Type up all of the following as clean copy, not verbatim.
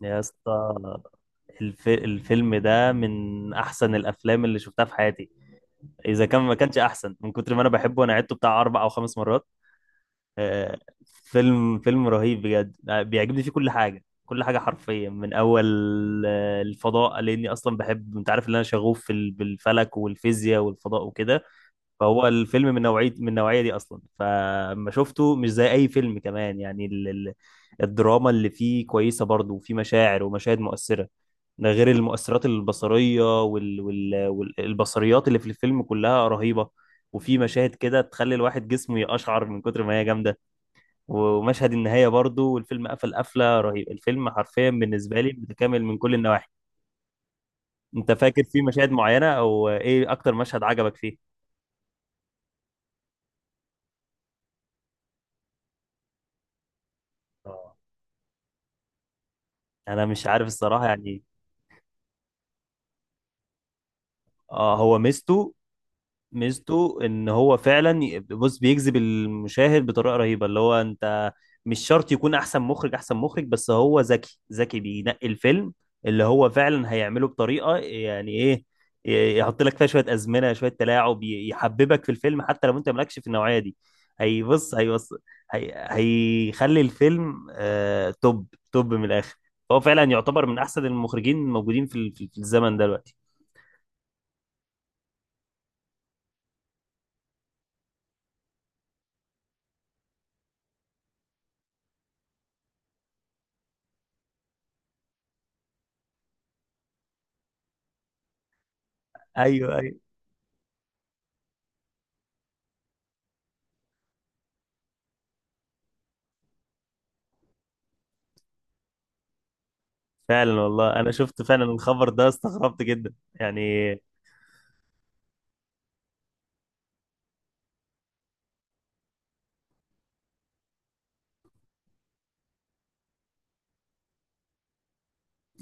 يا اسطى. الف... الفيلم ده من احسن الافلام اللي شفتها في حياتي، اذا كان ما كانش احسن. من كتر ما انا بحبه انا عدته بتاع اربع او خمس مرات. آه، فيلم رهيب بجد. بيعجبني فيه كل حاجه، كل حاجه حرفيا، من اول الفضاء، لاني اصلا بحب، انت عارف ان انا شغوف في بالفلك والفيزياء والفضاء وكده. فهو الفيلم من نوعية من النوعية دي أصلا، فما شفته مش زي أي فيلم كمان. يعني الدراما اللي فيه كويسة برضه، وفيه مشاعر ومشاهد مؤثرة. ده غير المؤثرات البصرية والبصريات اللي في الفيلم كلها رهيبة. وفي مشاهد كده تخلي الواحد جسمه يقشعر من كتر ما هي جامدة. ومشهد النهاية برضه، والفيلم قفل قفلة رهيبة. الفيلم حرفيا بالنسبة لي متكامل من كل النواحي. أنت فاكر فيه مشاهد معينة؟ أو إيه أكتر مشهد عجبك فيه؟ آه. أنا مش عارف الصراحة، يعني اه، هو ميزته، ميزته ان هو فعلا بص، بيجذب المشاهد بطريقه رهيبه. اللي هو انت مش شرط يكون احسن مخرج، احسن مخرج بس هو ذكي، ذكي بينقي الفيلم اللي هو فعلا هيعمله بطريقه، يعني ايه، يحط لك فيها شويه ازمنه، شويه تلاعب، يحببك في الفيلم حتى لو انت مالكش في النوعيه دي. هيبص هيخلي الفيلم آه توب، توب من الاخر. فهو فعلا يعتبر من احسن المخرجين الموجودين في في الزمن ده دلوقتي. ايوه ايوه، فعلا والله انا شفت فعلا الخبر ده استغربت جدا يعني.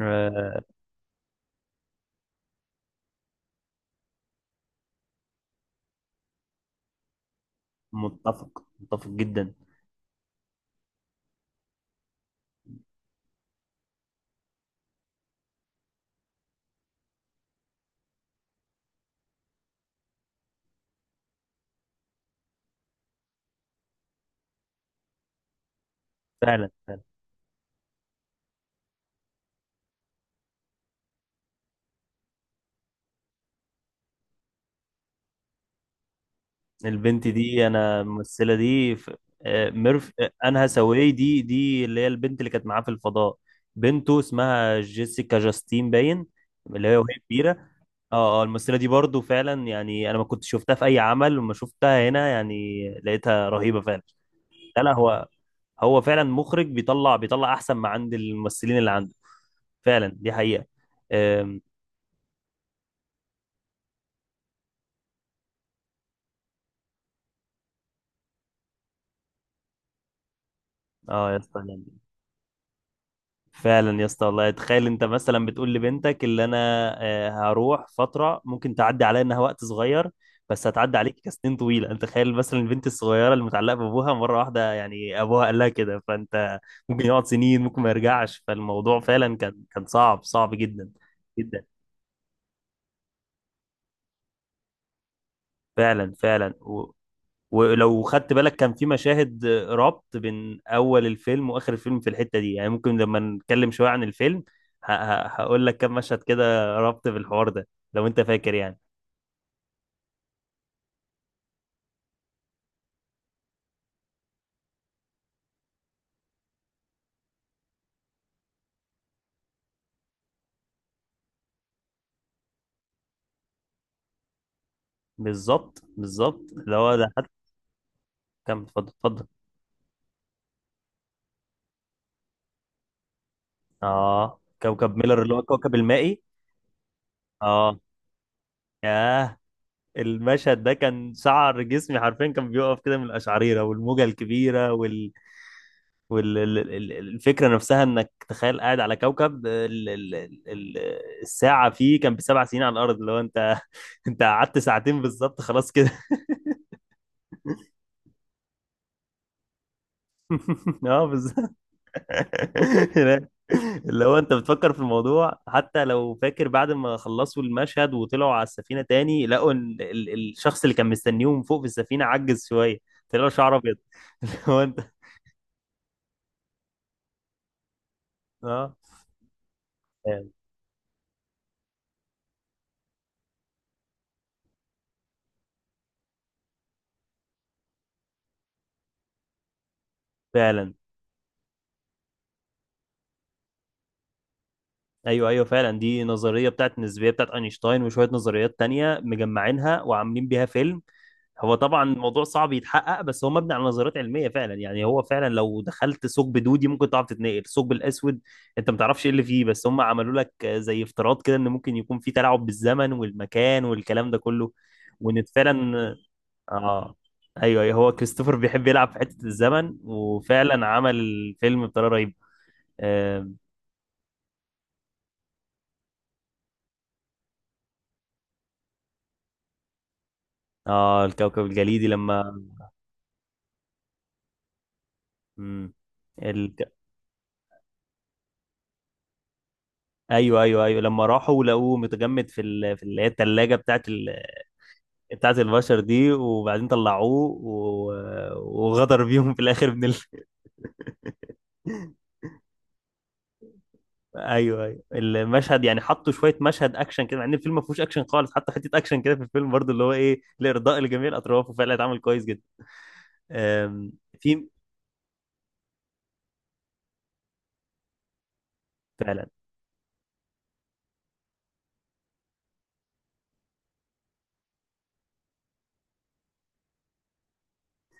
آه، متفق، متفق جدا، فعلا. البنت دي، انا الممثله دي آه، آه، انها ساوي دي، دي اللي هي البنت اللي كانت معاه في الفضاء، بنته، اسمها جيسيكا جاستين باين، اللي هي وهي كبيره. اه اه، الممثله دي برضو فعلا يعني انا ما كنت شفتها في اي عمل، وما شفتها هنا يعني، لقيتها رهيبه فعلا. لا هو، هو فعلا مخرج بيطلع احسن ما عند الممثلين اللي عنده. فعلا دي حقيقة. أم، اه يا اسطى، يعني فعلا يا اسطى والله. تخيل انت مثلا بتقول لبنتك اللي انا هروح فترة، ممكن تعدي عليا انها وقت صغير، بس هتعدي عليك كسنين طويلة. انت تخيل مثلا البنت الصغيرة اللي متعلقة بابوها مرة واحدة، يعني ابوها قال لها كده، فانت ممكن يقعد سنين، ممكن ما يرجعش، فالموضوع فعلا كان، كان صعب، صعب جدا. جدا فعلا، فعلا و... ولو خدت بالك، كان في مشاهد ربط بين اول الفيلم واخر الفيلم في الحته دي، يعني ممكن لما نتكلم شويه عن الفيلم ه... ه... هقول لك كم مشهد كده ربط في الحوار ده، لو انت فاكر يعني. بالظبط، بالظبط اللي هو ده حتى. كم؟ اتفضل، اتفضل. اه، كوكب ميلر، اللي هو الكوكب المائي. اه، ياه، المشهد ده كان شعر جسمي حرفيا كان بيقف كده من القشعريره، والموجه الكبيره والفكرة نفسها، انك تخيل قاعد على كوكب ال- الساعة فيه كان بسبع سنين على الأرض. لو انت انت قعدت ساعتين بالظبط خلاص كده. اه بالظبط. اللي هو انت بتفكر في الموضوع حتى لو فاكر بعد ما خلصوا المشهد وطلعوا على السفينة تاني، لقوا ان الشخص اللي كان مستنيهم فوق في السفينة عجز شوية، طلع له شعر ابيض. اللي هو انت اه، فعلا، فعلاً. ايوه ايوه، فعلا دي نظريه بتاعت النسبيه بتاعت اينشتاين، وشويه نظريات تانية مجمعينها وعاملين بيها فيلم. هو طبعا الموضوع صعب يتحقق، بس هو مبني على نظريات علميه فعلا. يعني هو فعلا لو دخلت ثقب دودي ممكن تعرف تتنقل، الثقب الاسود انت ما تعرفش ايه اللي فيه، بس هم عملوا لك زي افتراض كده، ان ممكن يكون في تلاعب بالزمن والمكان والكلام ده كله، وان فعلا، اه، ايوه ايوه، هو كريستوفر بيحب يلعب في حته الزمن، وفعلا عمل الفيلم بطريقه رهيبه. آه, اه الكوكب الجليدي لما، امم، ال... ايوه، ايوه لما راحوا لقوه متجمد في في اللي هي الثلاجه بتاعت بتاعت البشر دي، وبعدين طلعوه و... وغدر بيهم في الاخر من ايوه ايوه المشهد، يعني حطوا شويه مشهد اكشن كده، مع ان الفيلم ما فيهوش اكشن خالص، حطوا حته اكشن كده في الفيلم برضو، اللي هو ايه، لارضاء لجميع الاطراف، وفعلا اتعمل كويس جدا. أم... في، فعلا.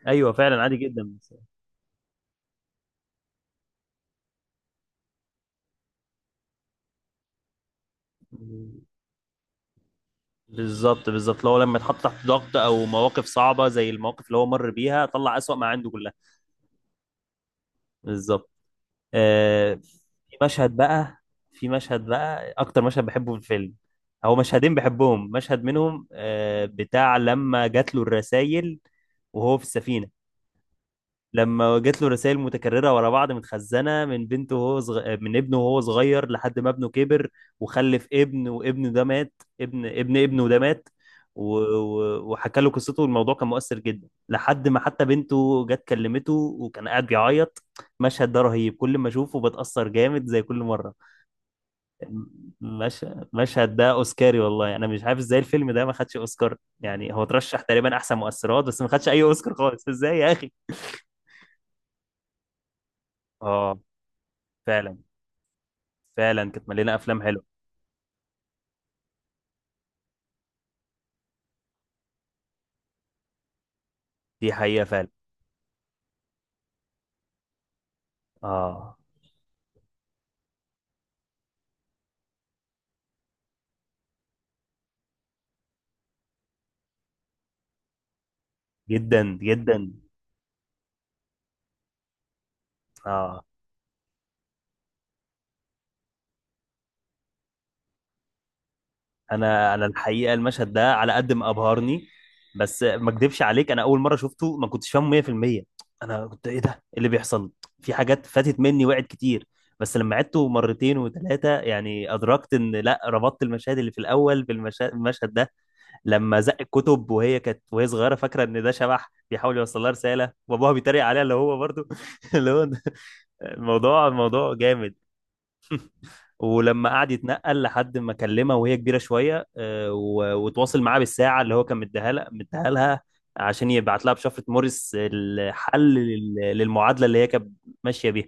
ايوه فعلا عادي جدا. بالظبط، بالظبط لو لما يتحط تحت ضغط او مواقف صعبه زي المواقف اللي هو مر بيها، طلع اسوأ ما عنده كلها. بالظبط. آه، في مشهد بقى، في مشهد بقى اكتر مشهد بحبه في الفيلم. هو مشهدين بحبهم، مشهد منهم آه بتاع لما جات له الرسائل وهو في السفينه. لما جات له رسائل متكررة ورا بعض، متخزنة من بنته وهو من ابنه وهو صغير، لحد ما ابنه كبر وخلف ابن، وابنه ده مات. ابنه ده مات، و... و... وحكى له قصته، والموضوع كان مؤثر جدا لحد ما حتى بنته جت كلمته، وكان قاعد بيعيط. المشهد ده رهيب، كل ما اشوفه بتأثر جامد زي كل مرة. المش... المشهد ده اوسكاري والله، انا مش عارف ازاي الفيلم ده ما خدش اوسكار يعني. هو ترشح تقريبا احسن مؤثرات، بس ما خدش اي اوسكار خالص، ازاي يا اخي؟ اه فعلا. فعلا كانت مليانه افلام حلوه. دي حقيقه فعلا. اه، جدا جدا. اه، انا، انا الحقيقه المشهد ده على قد ما ابهرني، بس ما اكدبش عليك، انا اول مره شفته ما كنتش فاهمه 100%. انا كنت ايه ده، إيه اللي بيحصل، في حاجات فاتت مني وقعت كتير، بس لما عدته مرتين وثلاثه يعني ادركت، ان لا، ربطت المشاهد اللي في الاول المشهد ده. لما زق الكتب وهي كانت صغيره، فاكره ان ده شبح بيحاول يوصل لها رساله، وابوها بيتريق عليها، اللي هو برضو اللي هو الموضوع، الموضوع جامد. ولما قعد يتنقل لحد ما كلمها وهي كبيره شويه، وتواصل معاها بالساعه اللي هو كان مديها لها، مديها لها عشان يبعت لها بشفره موريس الحل للمعادله اللي هي كانت ماشيه بيها.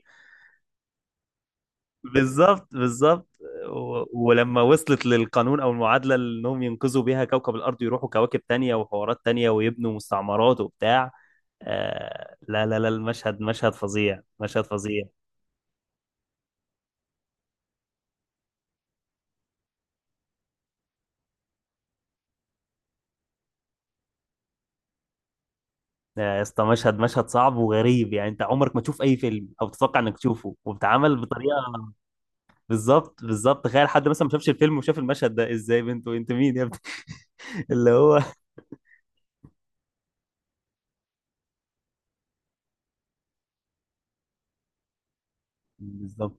بالظبط، بالظبط. ولما وصلت للقانون او المعادله اللي انهم ينقذوا بيها كوكب الارض، ويروحوا كواكب تانية وحوارات تانية، ويبنوا مستعمرات وبتاع. لا المشهد مشهد فظيع، مشهد فظيع. يا اسطى، مشهد، مشهد صعب وغريب. يعني انت عمرك ما تشوف اي فيلم، او تتوقع انك تشوفه وبتعمل بطريقه، بالظبط، بالظبط. تخيل حد مثلا ما شافش الفيلم وشاف المشهد ده، ازاي بنت وانت مين يا ابني؟ اللي هو بالظبط.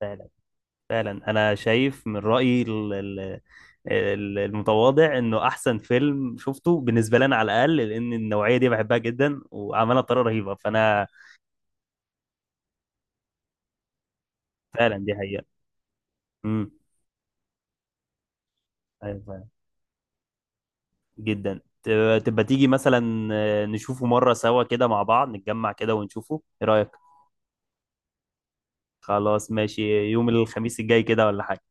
فعلا، فعلا انا شايف من رايي المتواضع انه احسن فيلم شفته بالنسبه لي انا، على الاقل لان النوعيه دي بحبها جدا، وعملها بطريقه رهيبه. فانا فعلا، دي حقيقه. امم، جدا. تبقى، تبقى تيجي مثلا نشوفه مرة سوا كده مع بعض، نتجمع كده ونشوفه، ايه رأيك؟ خلاص ماشي. يوم الخميس الجاي كده ولا حاجة؟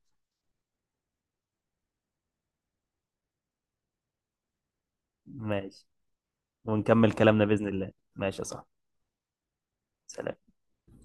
ماشي، ونكمل كلامنا بإذن الله. ماشي يا صاحبي، سلام.